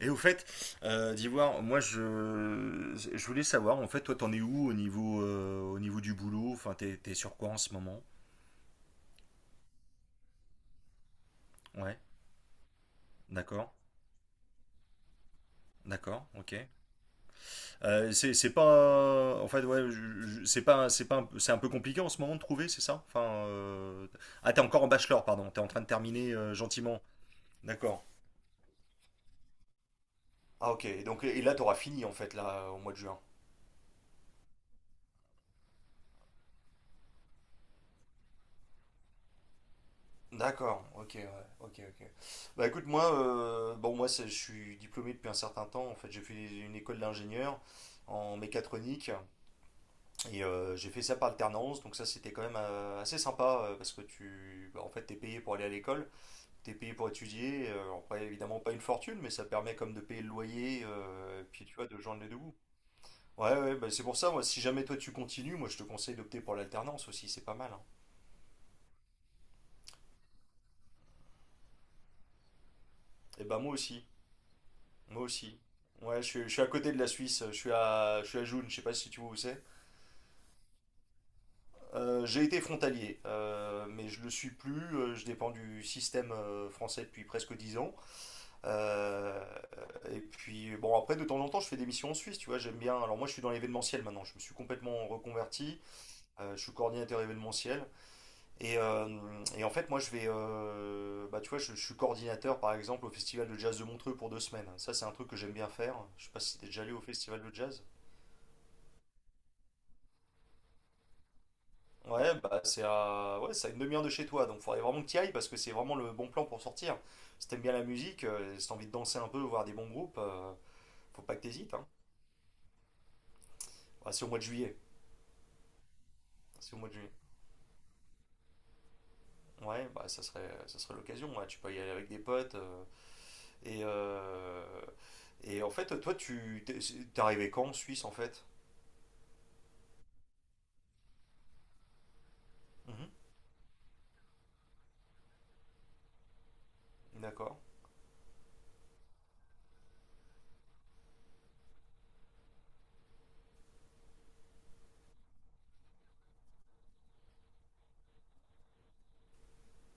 Et au fait, d'Ivoire, moi je voulais savoir, en fait, toi t'en es où au niveau du boulot? Enfin, t'es sur quoi en ce moment? Ouais, d'accord, d'accord, ok. C'est pas. En fait, ouais, c'est pas, un- c'est un peu compliqué en ce moment de trouver, c'est ça? Enfin, euh, ah, t'es encore en bachelor, pardon, t'es en train de terminer gentiment. D'accord. Ah, ok, donc et là t'auras fini en fait, là, au mois de juin. D'accord, ok, ouais, ok, ok. Bah écoute, moi, bon, moi, je suis diplômé depuis un certain temps. En fait, j'ai fait une école d'ingénieur en mécatronique et j'ai fait ça par alternance. Donc ça, c'était quand même assez sympa parce que bah, en fait, t'es payé pour aller à l'école, t'es payé pour étudier. Alors, après, évidemment, pas une fortune, mais ça permet comme de payer le loyer, et puis tu vois, de joindre les deux bouts. Ouais, ouais, bah c'est pour ça. Moi, si jamais toi tu continues, moi, je te conseille d'opter pour l'alternance aussi. C'est pas mal, hein. Et bah moi aussi. Moi aussi. Ouais, je suis à côté de la Suisse, je suis à Joune, je sais pas si tu vois où c'est. J'ai été frontalier, mais je le suis plus, je dépends du système français depuis presque 10 ans. Euh, et puis, bon, après, de temps en temps, je fais des missions en Suisse, tu vois, j'aime bien. Alors, moi, je suis dans l'événementiel maintenant, je me suis complètement reconverti, je suis coordinateur événementiel. Et, euh, et en fait, moi, bah, tu vois, je suis coordinateur, par exemple, au Festival de Jazz de Montreux pour 2 semaines. Ça, c'est un truc que j'aime bien faire. Je sais pas si t'es déjà allé au Festival de Jazz. Ouais, bah c'est à une demi-heure de chez toi, donc faudrait vraiment que tu y ailles parce que c'est vraiment le bon plan pour sortir. Si t'aimes bien la musique, si t'as envie de danser un peu, voir des bons groupes, faut pas que t'hésites, hein. Bah, c'est au mois de juillet. C'est au mois de juillet. Ouais, bah ça serait l'occasion, ouais. Tu peux y aller avec des potes. Et, euh, et en fait, toi, tu t'es t'es arrivé quand en Suisse, en fait? Mhm. D'accord.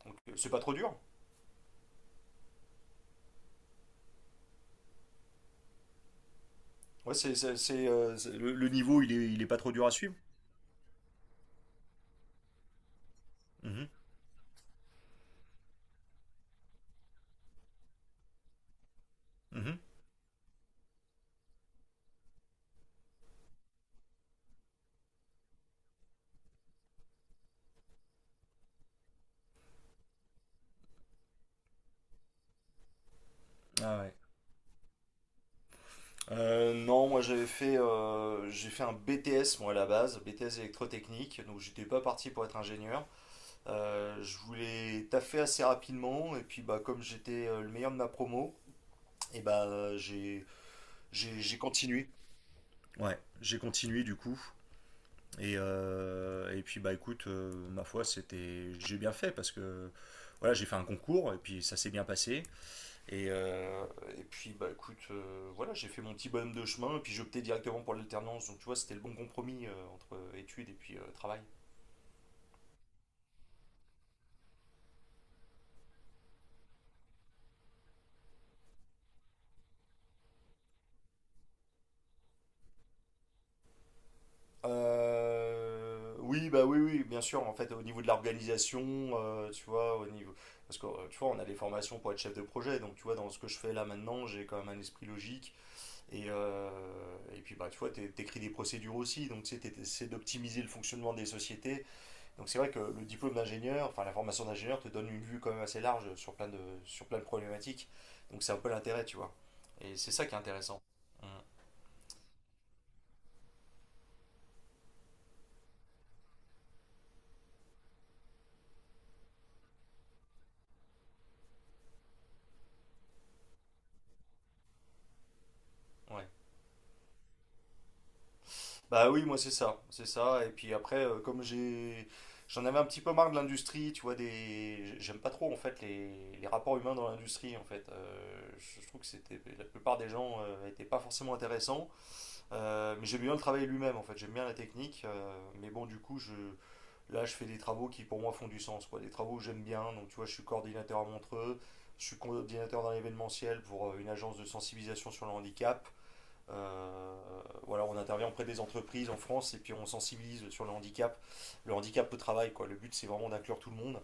Donc, c'est pas trop dur? Ouais, le niveau, il est pas trop dur à suivre. Mhm. Mhm. Ah ouais. Non, moi j'ai fait un BTS moi à la base, BTS électrotechnique, donc j'étais pas parti pour être ingénieur. Je voulais taffer assez rapidement et puis bah comme j'étais le meilleur de ma promo, et bah j'ai continué. Ouais, j'ai continué du coup. Et puis bah écoute, ma foi c'était j'ai bien fait parce que voilà j'ai fait un concours et puis ça s'est bien passé. Et, euh, et puis, bah écoute, voilà, j'ai fait mon petit bonhomme de chemin, et puis j'ai opté directement pour l'alternance. Donc, tu vois, c'était le bon compromis entre études et puis travail. Oui, bah oui, oui, bien sûr. En fait, au niveau de l'organisation, tu vois, au niveau. Parce que, tu vois, on a des formations pour être chef de projet. Donc, tu vois, dans ce que je fais là maintenant, j'ai quand même un esprit logique. Et puis, bah, tu vois, t'écris des procédures aussi. Donc, tu sais, t'essaies d'optimiser le fonctionnement des sociétés. Donc c'est vrai que le diplôme d'ingénieur, enfin la formation d'ingénieur te donne une vue quand même assez large sur plein de problématiques. Donc c'est un peu l'intérêt, tu vois. Et c'est ça qui est intéressant. Mm. Ouais. Bah oui, moi c'est ça, c'est ça. Et puis après, j'en avais un petit peu marre de l'industrie, tu vois, j'aime pas trop en fait les rapports humains dans l'industrie en fait. Je trouve que c'était la plupart des gens n'étaient pas forcément intéressants. Mais j'aime bien le travail lui-même en fait. J'aime bien la technique. Mais bon, du coup, je là, je fais des travaux qui pour moi font du sens, quoi. Des travaux que j'aime bien. Donc, tu vois, je suis coordinateur à Montreux, je suis coordinateur dans l'événementiel pour une agence de sensibilisation sur le handicap. Euh, voilà, on intervient auprès des entreprises en France et puis on sensibilise sur le handicap au travail, quoi. Le but, c'est vraiment d'inclure tout le monde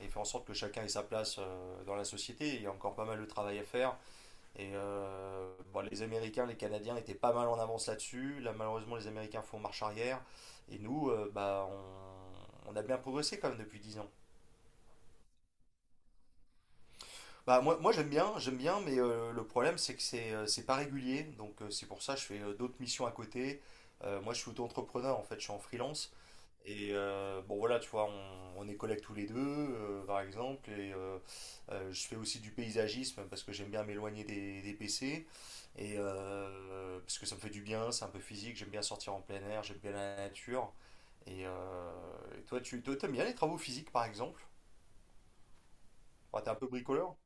et faire en sorte que chacun ait sa place dans la société. Il y a encore pas mal de travail à faire. Et euh, bon, les Américains, les Canadiens étaient pas mal en avance là-dessus. Là, malheureusement, les Américains font marche arrière. Et nous, bah, on a bien progressé quand même depuis 10 ans. Bah, moi j'aime bien, mais le problème, c'est que c'est pas régulier. Donc, c'est pour ça que je fais d'autres missions à côté. Moi, je suis auto-entrepreneur, en fait, je suis en freelance. Bon voilà, tu vois, on est collègues tous les deux, par exemple, je fais aussi du paysagisme parce que j'aime bien m'éloigner des PC, parce que ça me fait du bien, c'est un peu physique, j'aime bien sortir en plein air, j'aime bien la nature. Et, euh, et toi, tu toi, t'aimes bien les travaux physiques, par exemple? Ouais, t'es un peu bricoleur?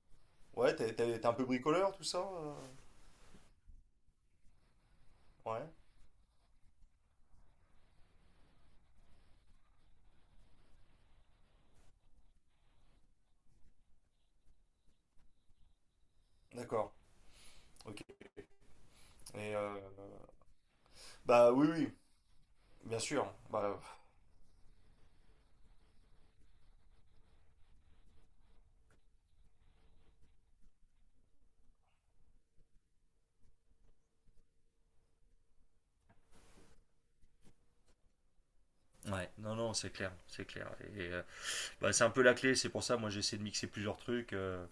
Ouais, t'es un peu bricoleur, tout ça? Ouais, d'accord, ok. Et euh, Bah oui, oui, bien sûr. Bah, ouais, non, non, c'est clair, c'est clair. Bah, c'est un peu la clé, c'est pour ça, moi j'essaie de mixer plusieurs trucs.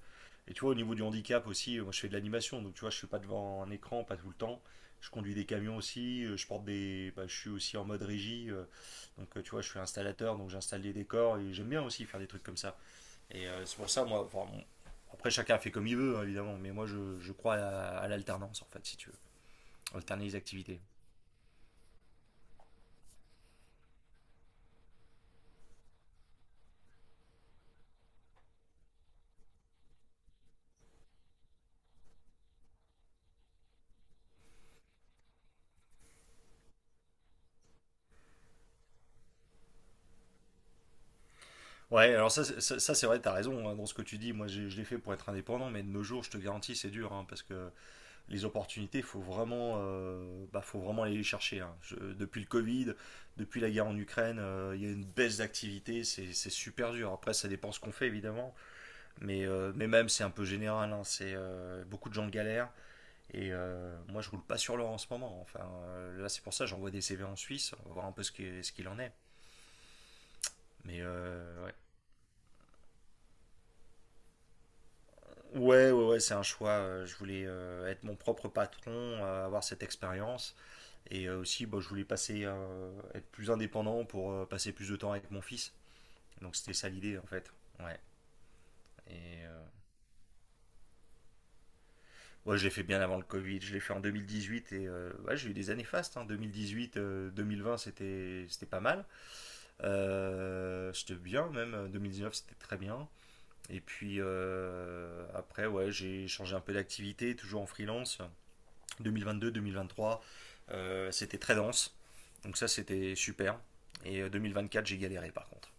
Et tu vois, au niveau du handicap aussi, moi je fais de l'animation, donc tu vois, je suis pas devant un écran, pas tout le temps. Je conduis des camions aussi, je porte des. Bah, je suis aussi en mode régie, donc tu vois, je suis installateur, donc j'installe des décors et j'aime bien aussi faire des trucs comme ça. C'est pour ça, moi, enfin, bon, après chacun fait comme il veut, hein, évidemment, mais moi je crois à l'alternance en fait, si tu veux, alterner les activités. Ouais, alors ça, c'est- ça, c'est vrai, t'as raison, hein, dans ce que tu dis. Moi, je l'ai fait pour être indépendant, mais de nos jours, je te garantis, c'est dur, hein, parce que les opportunités, il faut vraiment, bah, faut vraiment aller les chercher, hein. Depuis le Covid, depuis la guerre en Ukraine, il y a une baisse d'activité, c'est super dur. Après, ça dépend ce qu'on fait évidemment, mais même c'est un peu général, hein. C'est beaucoup de gens galèrent et moi je roule pas sur l'or en ce moment. Enfin, là c'est pour ça que j'envoie des CV en Suisse, on va voir un peu ce ce qu'il en est. Ouais. Ouais, ouais, ouais, c'est un choix. Je voulais être mon propre patron, avoir cette expérience. Aussi, bah, être plus indépendant pour passer plus de temps avec mon fils. Donc c'était ça l'idée en fait. Ouais. Et euh, ouais, je l'ai fait bien avant le Covid. Je l'ai fait en 2018 ouais, j'ai eu des années fastes. Hein. 2018, 2020 c'était pas mal. C'était bien même. 2019 c'était très bien. Et puis après, ouais, j'ai changé un peu d'activité, toujours en freelance. 2022, 2023, c'était très dense. Donc ça, c'était super. 2024 j'ai galéré par contre.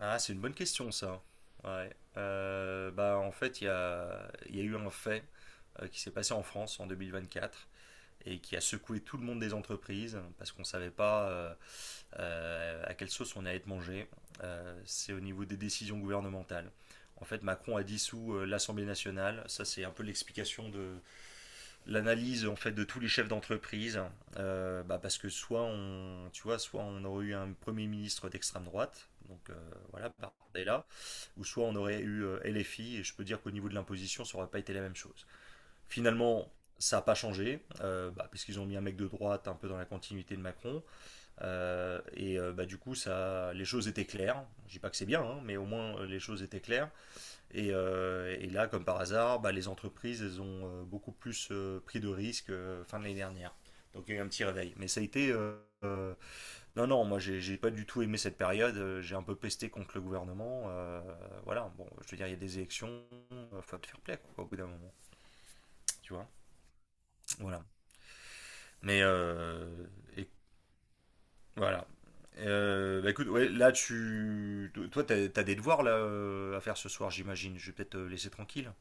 Ah, c'est une bonne question ça. Ouais. Bah, en fait, il y a eu un fait qui s'est passé en France en 2024 et qui a secoué tout le monde des entreprises parce qu'on ne savait pas à quelle sauce on allait être mangé. C'est au niveau des décisions gouvernementales. En fait, Macron a dissous l'Assemblée nationale. Ça, c'est un peu l'explication l'analyse en fait de tous les chefs d'entreprise, bah, parce que soit on tu vois, soit on aurait eu un premier ministre d'extrême droite donc voilà Bardella, ou soit on aurait eu LFI et je peux dire qu'au niveau de l'imposition ça aurait pas été la même chose. Finalement ça n'a pas changé, bah, parce qu'ils ont mis un mec de droite un peu dans la continuité de Macron. Bah, du coup, ça, les choses étaient claires. Je dis pas que c'est bien, hein, mais au moins les choses étaient claires. Et là, comme par hasard, bah, les entreprises elles ont beaucoup plus pris de risques fin de l'année dernière. Donc il y a eu un petit réveil. Mais ça a été. Euh, non, non, moi j'ai pas du tout aimé cette période. J'ai un peu pesté contre le gouvernement. Voilà, bon, je veux dire, il y a des élections. Il faut te faire plaisir, quoi, au bout d'un moment. Tu vois. Voilà. Mais. euh, et, voilà. Bah écoute, ouais, là, tu. Toi, t'as as des devoirs là, à faire ce soir, j'imagine. Je vais peut-être te laisser tranquille.